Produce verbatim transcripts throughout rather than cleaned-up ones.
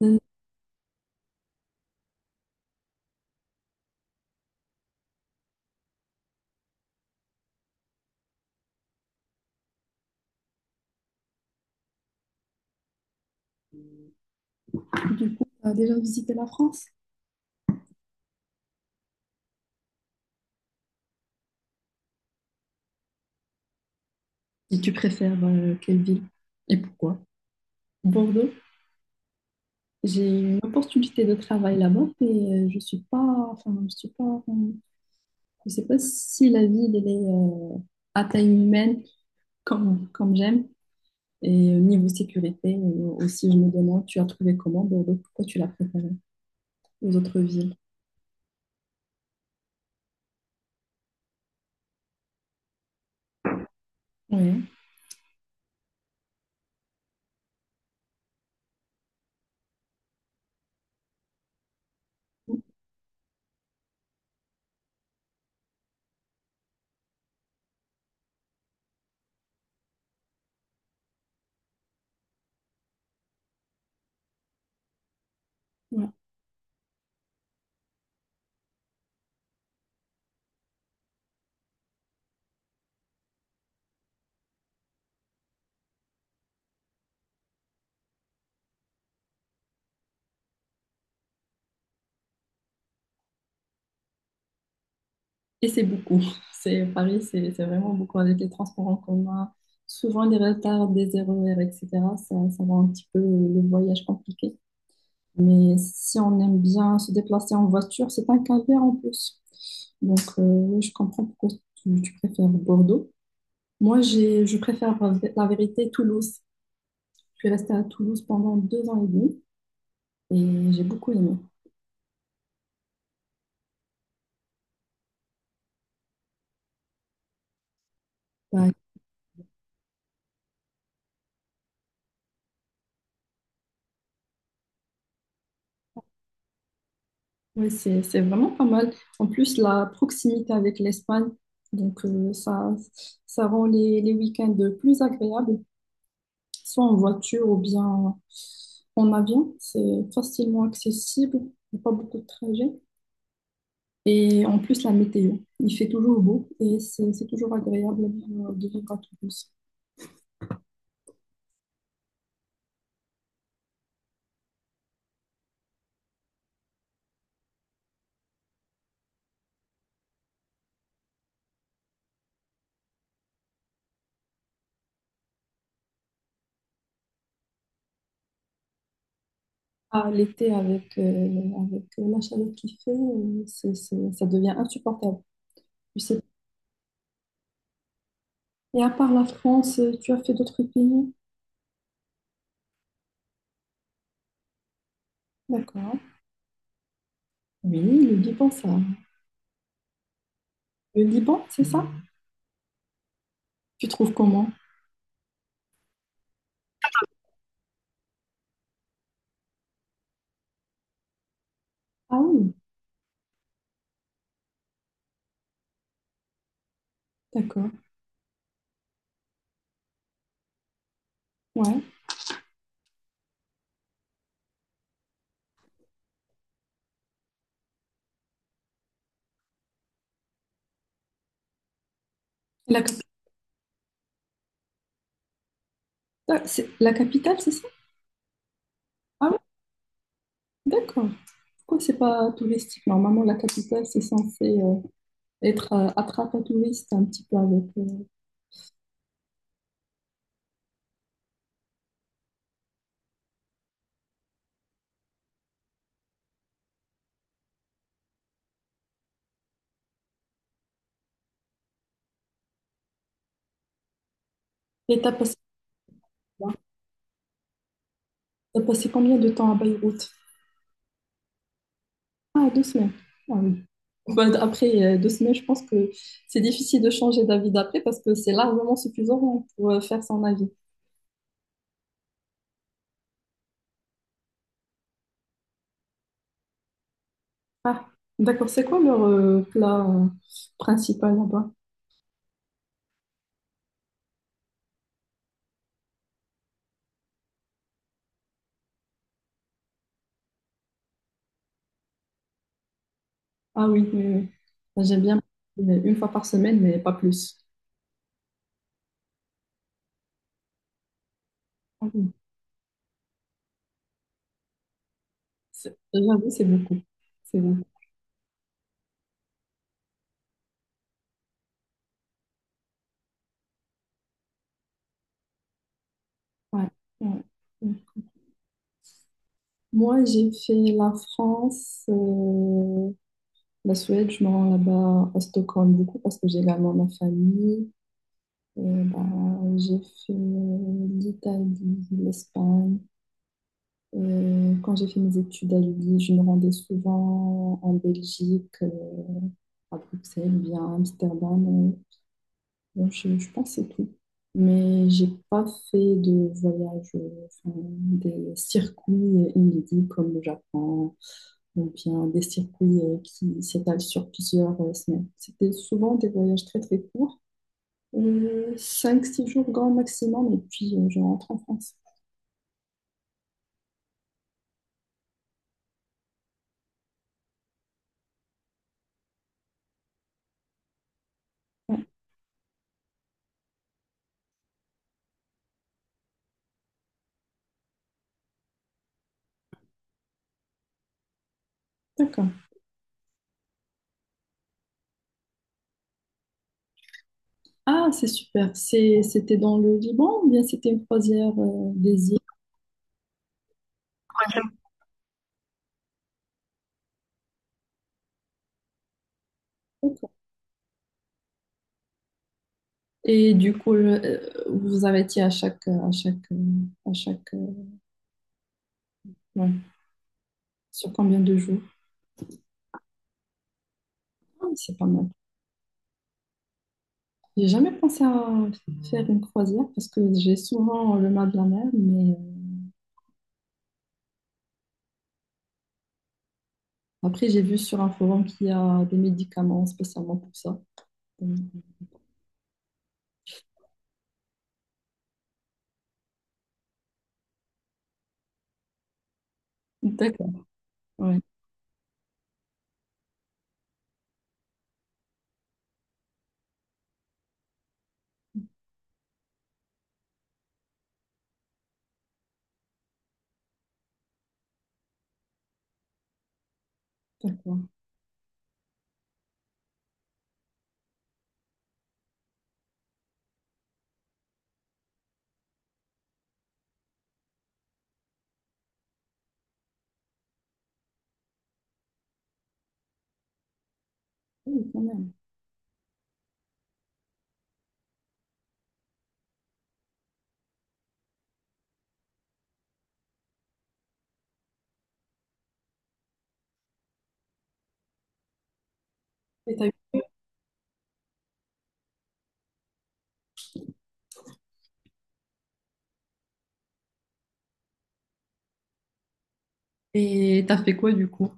Tu as déjà visité la France? Et tu préfères euh, quelle ville et pourquoi? Bordeaux. J'ai une opportunité de travail là-bas, mais euh, je suis pas, enfin, je suis pas, euh, je sais pas si la ville elle est euh, à taille humaine comme, comme j'aime. Et au niveau sécurité euh, aussi, je me demande, tu as trouvé comment Bordeaux? Pourquoi tu l'as préféré aux autres villes? Oui. Et c'est beaucoup. C'est, Paris, c'est c'est vraiment beaucoup avec les transports en commun. Souvent, des retards des R E R, et cetera, ça, ça rend un petit peu le voyage compliqué. Mais si on aime bien se déplacer en voiture, c'est un calvaire en plus. Donc, euh, oui, je comprends pourquoi tu, tu préfères Bordeaux. Moi, j'ai, je préfère la vérité Toulouse. Je suis restée à Toulouse pendant deux ans et demi et j'ai beaucoup aimé. Bah, oui, c'est, c'est vraiment pas mal. En plus, la proximité avec l'Espagne, donc euh, ça, ça rend les, les week-ends plus agréables, soit en voiture ou bien en avion. C'est facilement accessible, il n'y a pas beaucoup de trajets. Et en plus, la météo, il fait toujours beau et c'est c'est toujours agréable euh, de vivre à Toulouse. À l'été, avec, euh, avec la chaleur qu'il fait, euh, c'est, c'est- ça devient insupportable. Tu sais. Et à part la France, euh, tu as fait d'autres pays? D'accord. Oui, le Liban, ça. Le Liban, c'est ça? Tu trouves comment? Ah oui, d'accord. Ouais. La capitale, c'est la capitale, c'est ça? Ah oui, d'accord. Pourquoi c'est pas touristique? Normalement, la capitale, c'est censé euh, être euh, attrape à touristes un petit peu avec. euh, Et t'as passé quoi? T'as passé combien de temps à Beyrouth? Ah, deux semaines. Ah oui. Bah, d- après euh, deux semaines, je pense que c'est difficile de changer d'avis d'après parce que c'est largement suffisant pour euh, faire son avis. Ah, d'accord. C'est quoi leur euh, plat euh, principal là-bas? Ah oui, oui, oui. Ah, j'aime bien mais une fois par semaine, mais pas plus. Ah oui. C'est- j'avoue, c'est beaucoup. C'est beaucoup. Ouais, ouais. Ouais. Moi, j'ai fait la France, euh, la Suède. Je me rends là-bas à Stockholm beaucoup parce que j'ai également ma famille. Euh, bah, j'ai fait euh, l'Italie, l'Espagne. Euh, quand j'ai fait mes études à l'U I, je me rendais souvent en Belgique, euh, à Bruxelles, ou bien à Amsterdam. euh, bon, je, je pense que c'est tout. Mais j'ai pas fait de voyage, euh, enfin, des circuits inédits comme le Japon, ou bien des circuits euh, qui s'étalent sur plusieurs euh, semaines. C'était souvent des voyages très très courts, euh, cinq six jours grand maximum, et puis euh, je rentre en France. Ouais, d'accord. Ah, c'est super. C'est, c'était dans le Liban ou bien c'était une croisière euh, des îles? D'accord. Et du coup, le- euh, vous arrêtiez à chaque, euh, à chaque, euh, à chaque, euh, ouais, sur combien de jours? Ah, c'est pas mal. J'ai jamais pensé à faire une croisière parce que j'ai souvent le mal de la mer, mais euh, après j'ai vu sur un forum qu'il y a des médicaments spécialement pour ça. Donc, d'accord, ouais, d'accord. Oui, quand même. Et t'as, et t'as fait quoi du coup?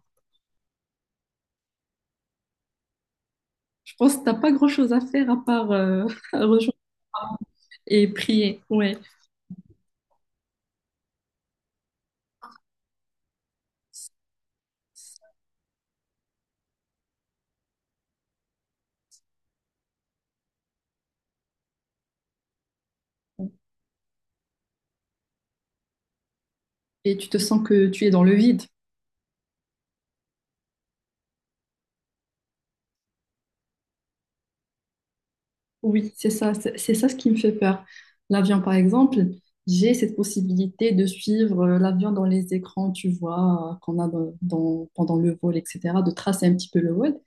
Je pense que t'as pas grand-chose à faire à part euh, rejoindre et prier, ouais. Et tu te sens que tu es dans le vide. Oui, c'est ça, c'est c'est ça ce qui me fait peur. L'avion, par exemple, j'ai cette possibilité de suivre euh, l'avion dans les écrans, tu vois, euh, qu'on a dans, dans- pendant le vol, et cetera, de tracer un petit peu le vol.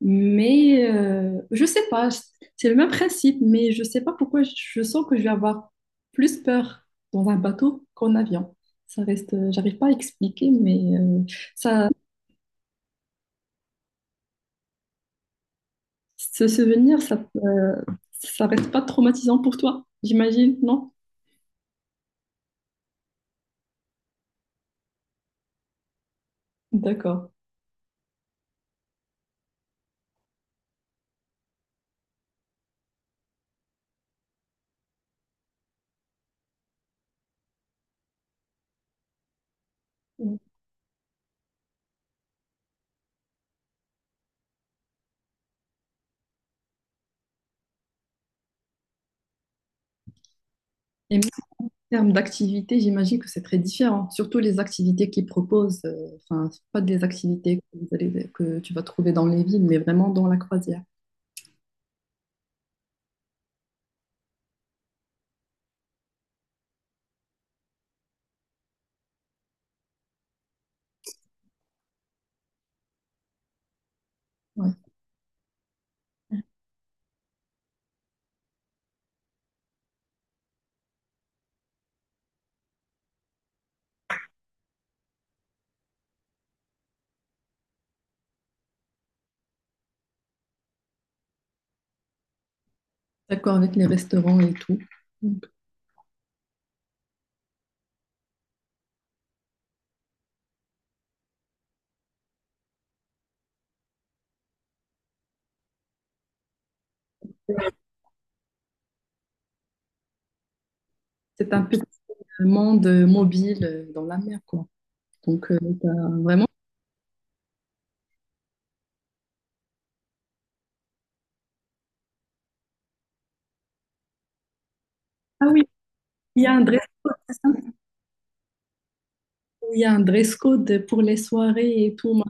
Mais euh, je sais pas, c'est le même principe, mais je sais pas pourquoi je je sens que je vais avoir plus peur dans un bateau qu'en avion. Ça reste, euh, j'arrive pas à expliquer, mais euh, ça, ce souvenir, ça, euh, ça reste pas traumatisant pour toi, j'imagine, non? D'accord. Et même en termes d'activité, j'imagine que c'est très différent. Surtout les activités qu'ils proposent, euh, enfin, c'est pas des activités que, vous allez- que tu vas trouver dans les villes, mais vraiment dans la croisière. Ouais. D'accord avec les restaurants et tout. Donc, c'est un petit monde mobile euh, dans la mer, quoi. Donc, euh, t'as vraiment. Ah oui, il y a un dress code, c'est ça? Il y a un dress code pour les soirées et tout.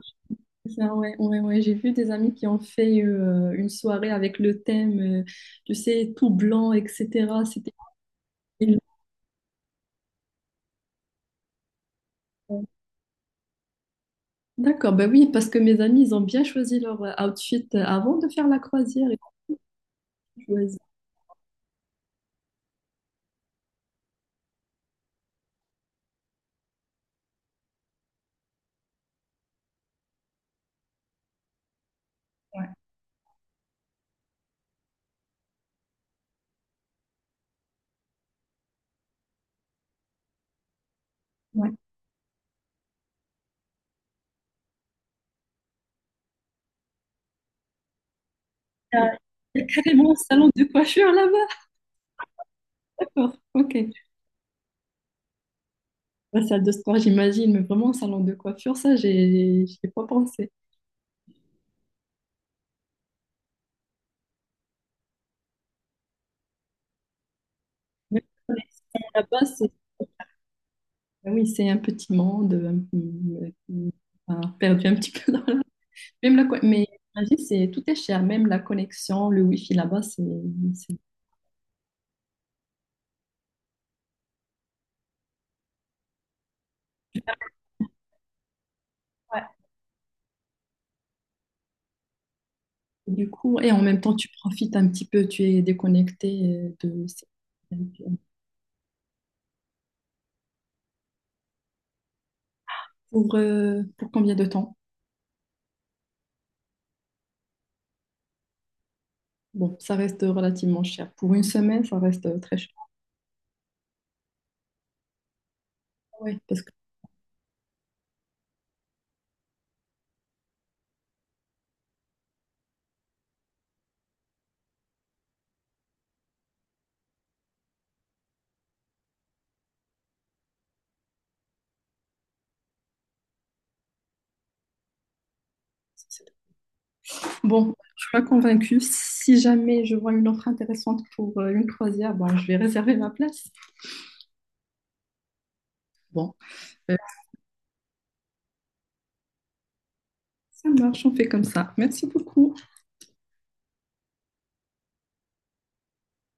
C'est ça, ouais, ouais, ouais. J'ai vu des amis qui ont fait euh, une soirée avec le thème, euh, tu sais, tout blanc, et cetera. C'était. D'accord, bah oui, parce que mes amis, ils ont bien choisi leur euh, outfit euh, avant de faire la croisière. Et tout, ouais. Ouais. Il y a carrément un salon de coiffure là-bas. D'accord, ok. La salle de sport, j'imagine, mais vraiment un salon de coiffure, ça, j'ai, j'y ai pas pensé. Mais là-bas, c'est, bah oui, c'est un petit monde, euh, qui qui a perdu un petit peu. Même la, co- mais la vie, c'est, tout est cher, même la connexion, le wifi là-bas, c'est, c'est- ouais. Et du coup, et en même temps, tu profites un petit peu, tu es déconnecté euh, de... Pour, euh, pour combien de temps? Bon, ça reste relativement cher. Pour une semaine, ça reste euh, très cher. Ah ouais, parce que c'est- Bon, je suis pas convaincue. Si jamais je vois une offre intéressante pour euh, une croisière, bon, je vais réserver ma place. Bon, euh, ça marche, on fait comme ça. Merci beaucoup.